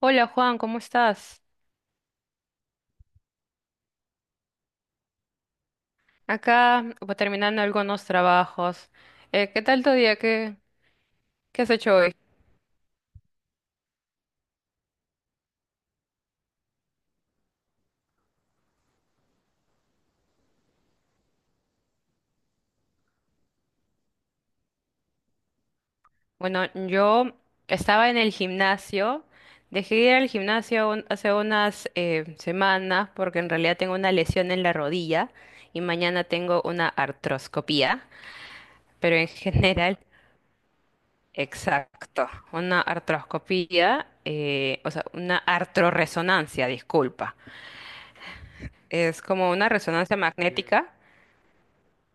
Hola Juan, ¿cómo estás? Acá pues, terminando algunos trabajos. ¿Qué tal tu día? ¿Qué has hecho hoy? Bueno, yo estaba en el gimnasio. Dejé de ir al gimnasio hace unas semanas porque en realidad tengo una lesión en la rodilla y mañana tengo una artroscopía. Pero en general, exacto, una artroscopía, o sea, una artroresonancia, disculpa. Es como una resonancia magnética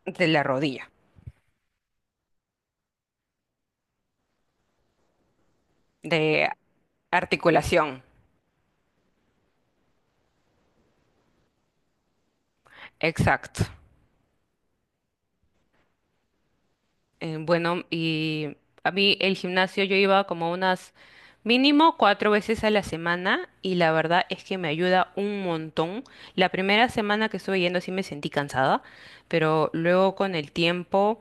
de la rodilla. De articulación. Exacto. Bueno, y a mí el gimnasio yo iba como unas mínimo cuatro veces a la semana y la verdad es que me ayuda un montón. La primera semana que estuve yendo sí me sentí cansada, pero luego con el tiempo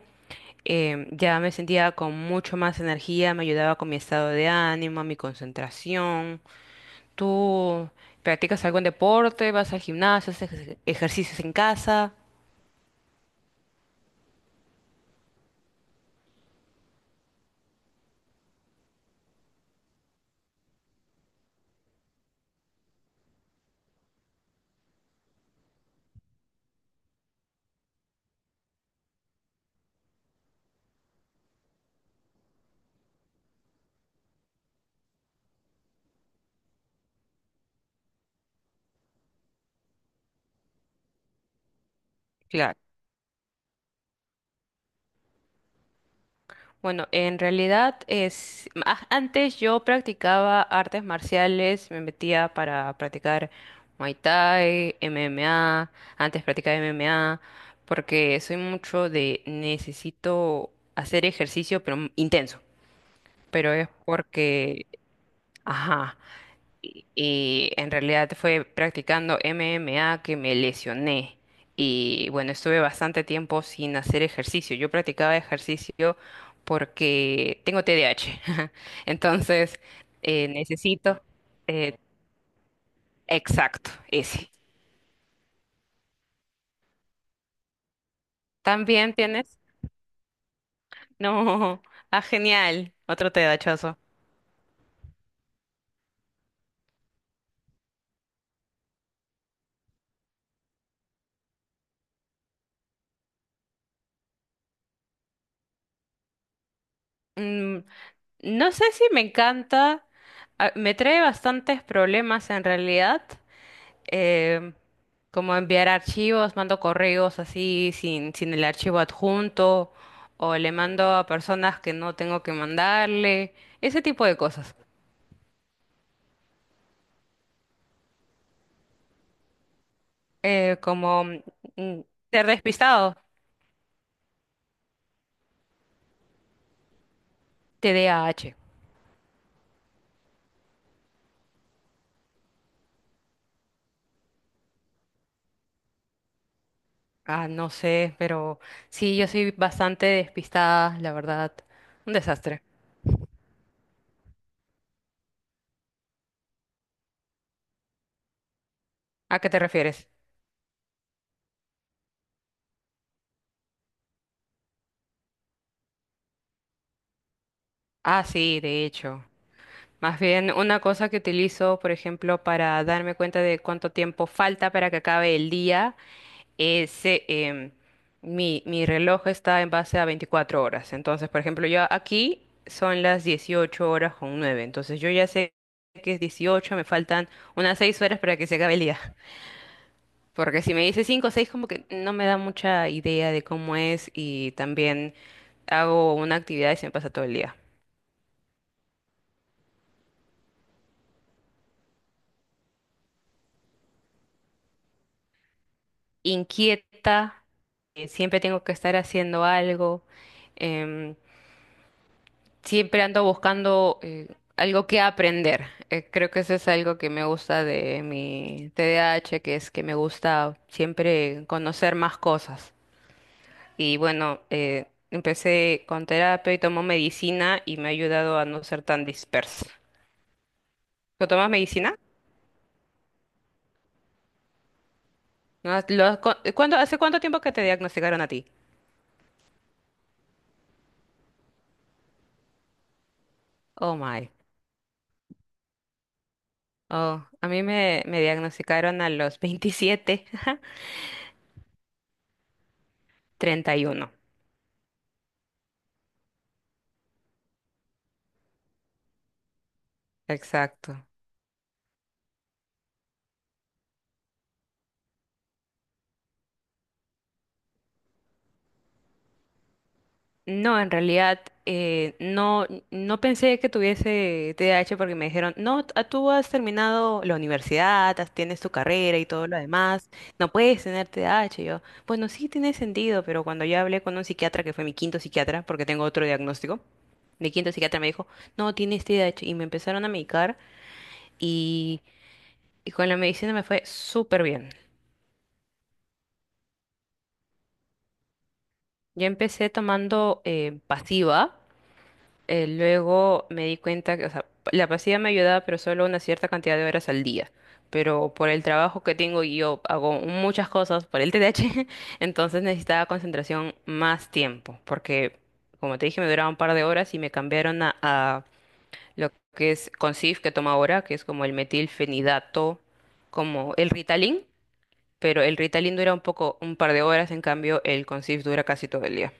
ya me sentía con mucho más energía, me ayudaba con mi estado de ánimo, mi concentración. ¿Tú practicas algún deporte? ¿Vas al gimnasio? ¿Haces ejercicios en casa? Claro. Bueno, en realidad es antes yo practicaba artes marciales, me metía para practicar Muay Thai, MMA, antes practicaba MMA porque soy mucho de necesito hacer ejercicio pero intenso, pero es porque ajá, y en realidad fue practicando MMA que me lesioné. Y bueno, estuve bastante tiempo sin hacer ejercicio. Yo practicaba ejercicio porque tengo TDAH. Entonces, necesito... eh, exacto, ese. ¿También tienes? No. Ah, genial. Otro TDAHoso. Mm, no sé si me encanta. Me trae bastantes problemas en realidad. eh, como enviar archivos, mando correos así sin el archivo adjunto, o le mando a personas que no tengo que mandarle, ese tipo de cosas. Como ser despistado, TDAH. Ah, no sé, pero sí, yo soy bastante despistada, la verdad. Un desastre. ¿A qué te refieres? Ah, sí, de hecho. Más bien, una cosa que utilizo, por ejemplo, para darme cuenta de cuánto tiempo falta para que acabe el día, ese, mi reloj está en base a 24 horas. Entonces, por ejemplo, yo aquí son las 18 horas con nueve. Entonces, yo ya sé que es 18, me faltan unas 6 horas para que se acabe el día. Porque si me dice cinco o 6 como que no me da mucha idea de cómo es, y también hago una actividad y se me pasa todo el día. Inquieta, siempre tengo que estar haciendo algo. em, Siempre ando buscando algo que aprender. Creo que eso es algo que me gusta de mi TDAH, que es que me gusta siempre conocer más cosas. Y bueno, empecé con terapia y tomo medicina y me ha ayudado a no ser tan dispersa. ¿Lo tomas medicina? ¿No lo has ¿Cuándo, hace cuánto tiempo que te diagnosticaron a ti? Oh my. Oh, a mí me diagnosticaron a los 27, 31. Exacto. No, en realidad no, no pensé que tuviese TDAH porque me dijeron, no, tú has terminado la universidad, tienes tu carrera y todo lo demás, no puedes tener TDAH. Y yo, bueno, sí tiene sentido, pero cuando yo hablé con un psiquiatra, que fue mi quinto psiquiatra, porque tengo otro diagnóstico, mi quinto psiquiatra me dijo, no, tienes TDAH. Y me empezaron a medicar y, y con la medicina me fue súper bien. Yo empecé tomando pasiva. Luego me di cuenta que, o sea, la pasilla me ayudaba, pero solo una cierta cantidad de horas al día. Pero por el trabajo que tengo y yo hago muchas cosas por el TDAH, entonces necesitaba concentración más tiempo, porque como te dije, me duraba un par de horas y me cambiaron a lo que es Concif, que toma ahora, que es como el metilfenidato, como el Ritalin, pero el Ritalin dura un poco, un par de horas, en cambio el Concif dura casi todo el día.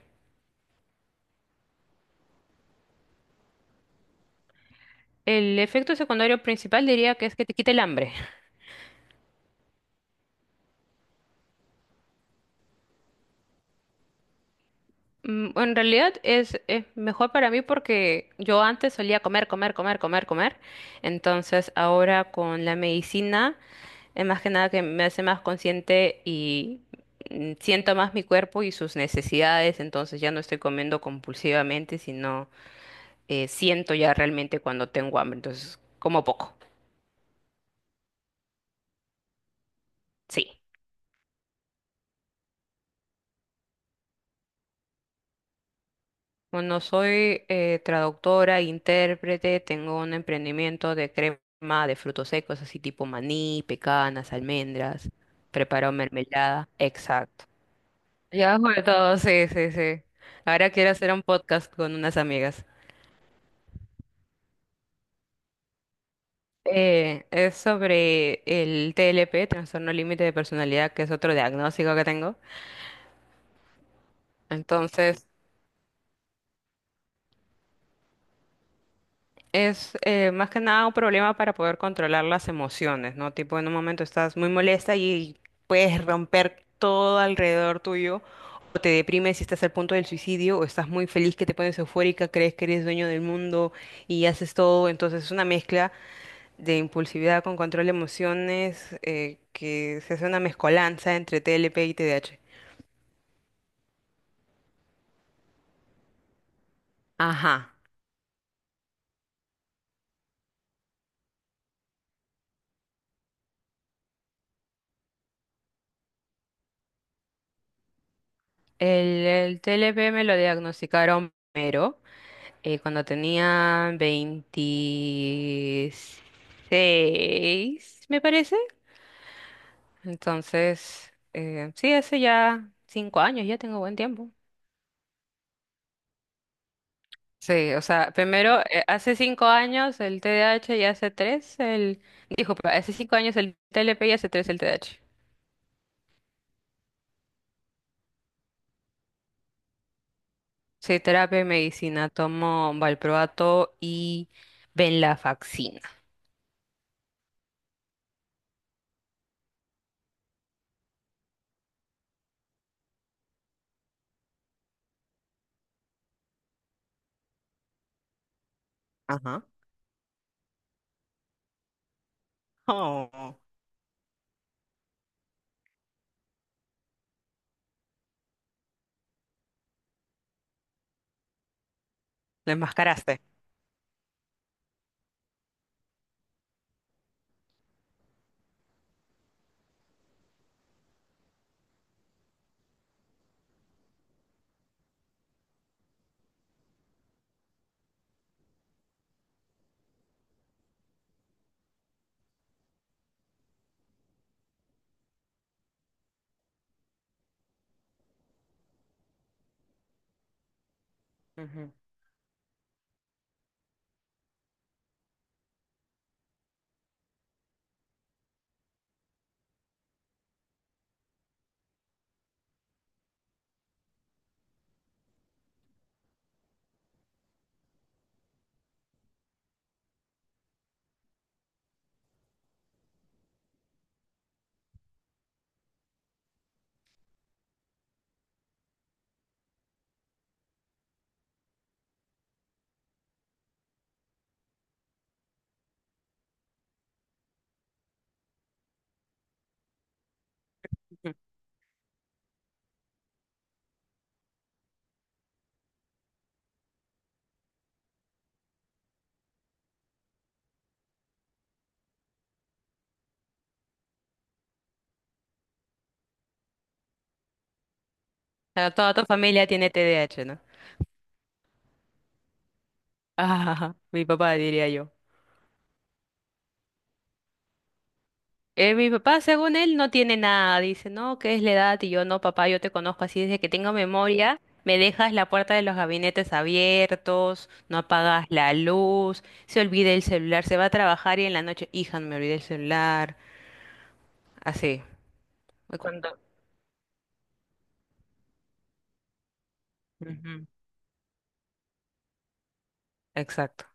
El efecto secundario principal diría que es que te quita el hambre. En realidad es mejor para mí porque yo antes solía comer, comer, comer, comer, comer. Entonces ahora con la medicina es más que nada que me hace más consciente y siento más mi cuerpo y sus necesidades. Entonces ya no estoy comiendo compulsivamente, sino siento ya realmente cuando tengo hambre. Entonces como poco. Sí. Bueno, soy traductora, intérprete, tengo un emprendimiento de crema de frutos secos, así tipo maní, pecanas, almendras, preparo mermelada, exacto. Ya hago de todo, sí, sí, sí. Ahora quiero hacer un podcast con unas amigas. Es sobre el TLP, trastorno límite de personalidad, que es otro diagnóstico que tengo. Entonces, es más que nada un problema para poder controlar las emociones, ¿no? Tipo, en un momento estás muy molesta y puedes romper todo alrededor tuyo, o te deprimes y estás al punto del suicidio, o estás muy feliz que te pones eufórica, crees que eres dueño del mundo y haces todo. Entonces es una mezcla de impulsividad con control de emociones que se hace una mezcolanza entre TLP y TDAH. Ajá. El TLP me lo diagnosticaron primero, cuando tenía 26, me parece. Entonces, sí, hace ya 5 años, ya tengo buen tiempo. Sí, o sea, primero, hace 5 años el TDAH y hace tres el... Dijo, hace 5 años el TLP y hace tres el TDAH. Soy terapia y medicina, tomo valproato y venlafaxina. Ajá. Oh, lo enmascaraste. Ujú. Ujú. Pero toda tu familia tiene TDAH, ¿no? Ah, mi papá diría yo. Mi papá, según él, no tiene nada. Dice, no, ¿qué es la edad? Y yo, no, papá, yo te conozco así desde que tengo memoria. Me dejas la puerta de los gabinetes abiertos, no apagas la luz, se olvida el celular, se va a trabajar y en la noche, hija, no me olvidé el celular. Así. Y cuando... Ujú, exacto.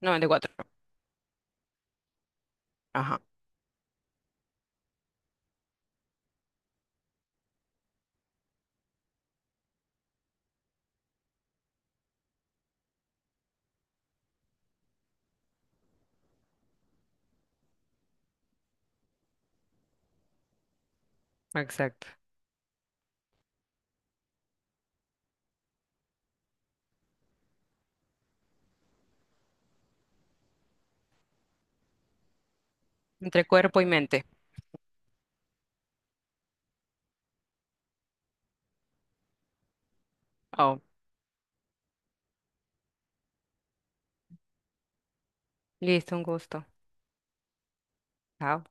94. Ajá, exacto. Entre cuerpo y mente. Oh, listo, un gusto. Chao.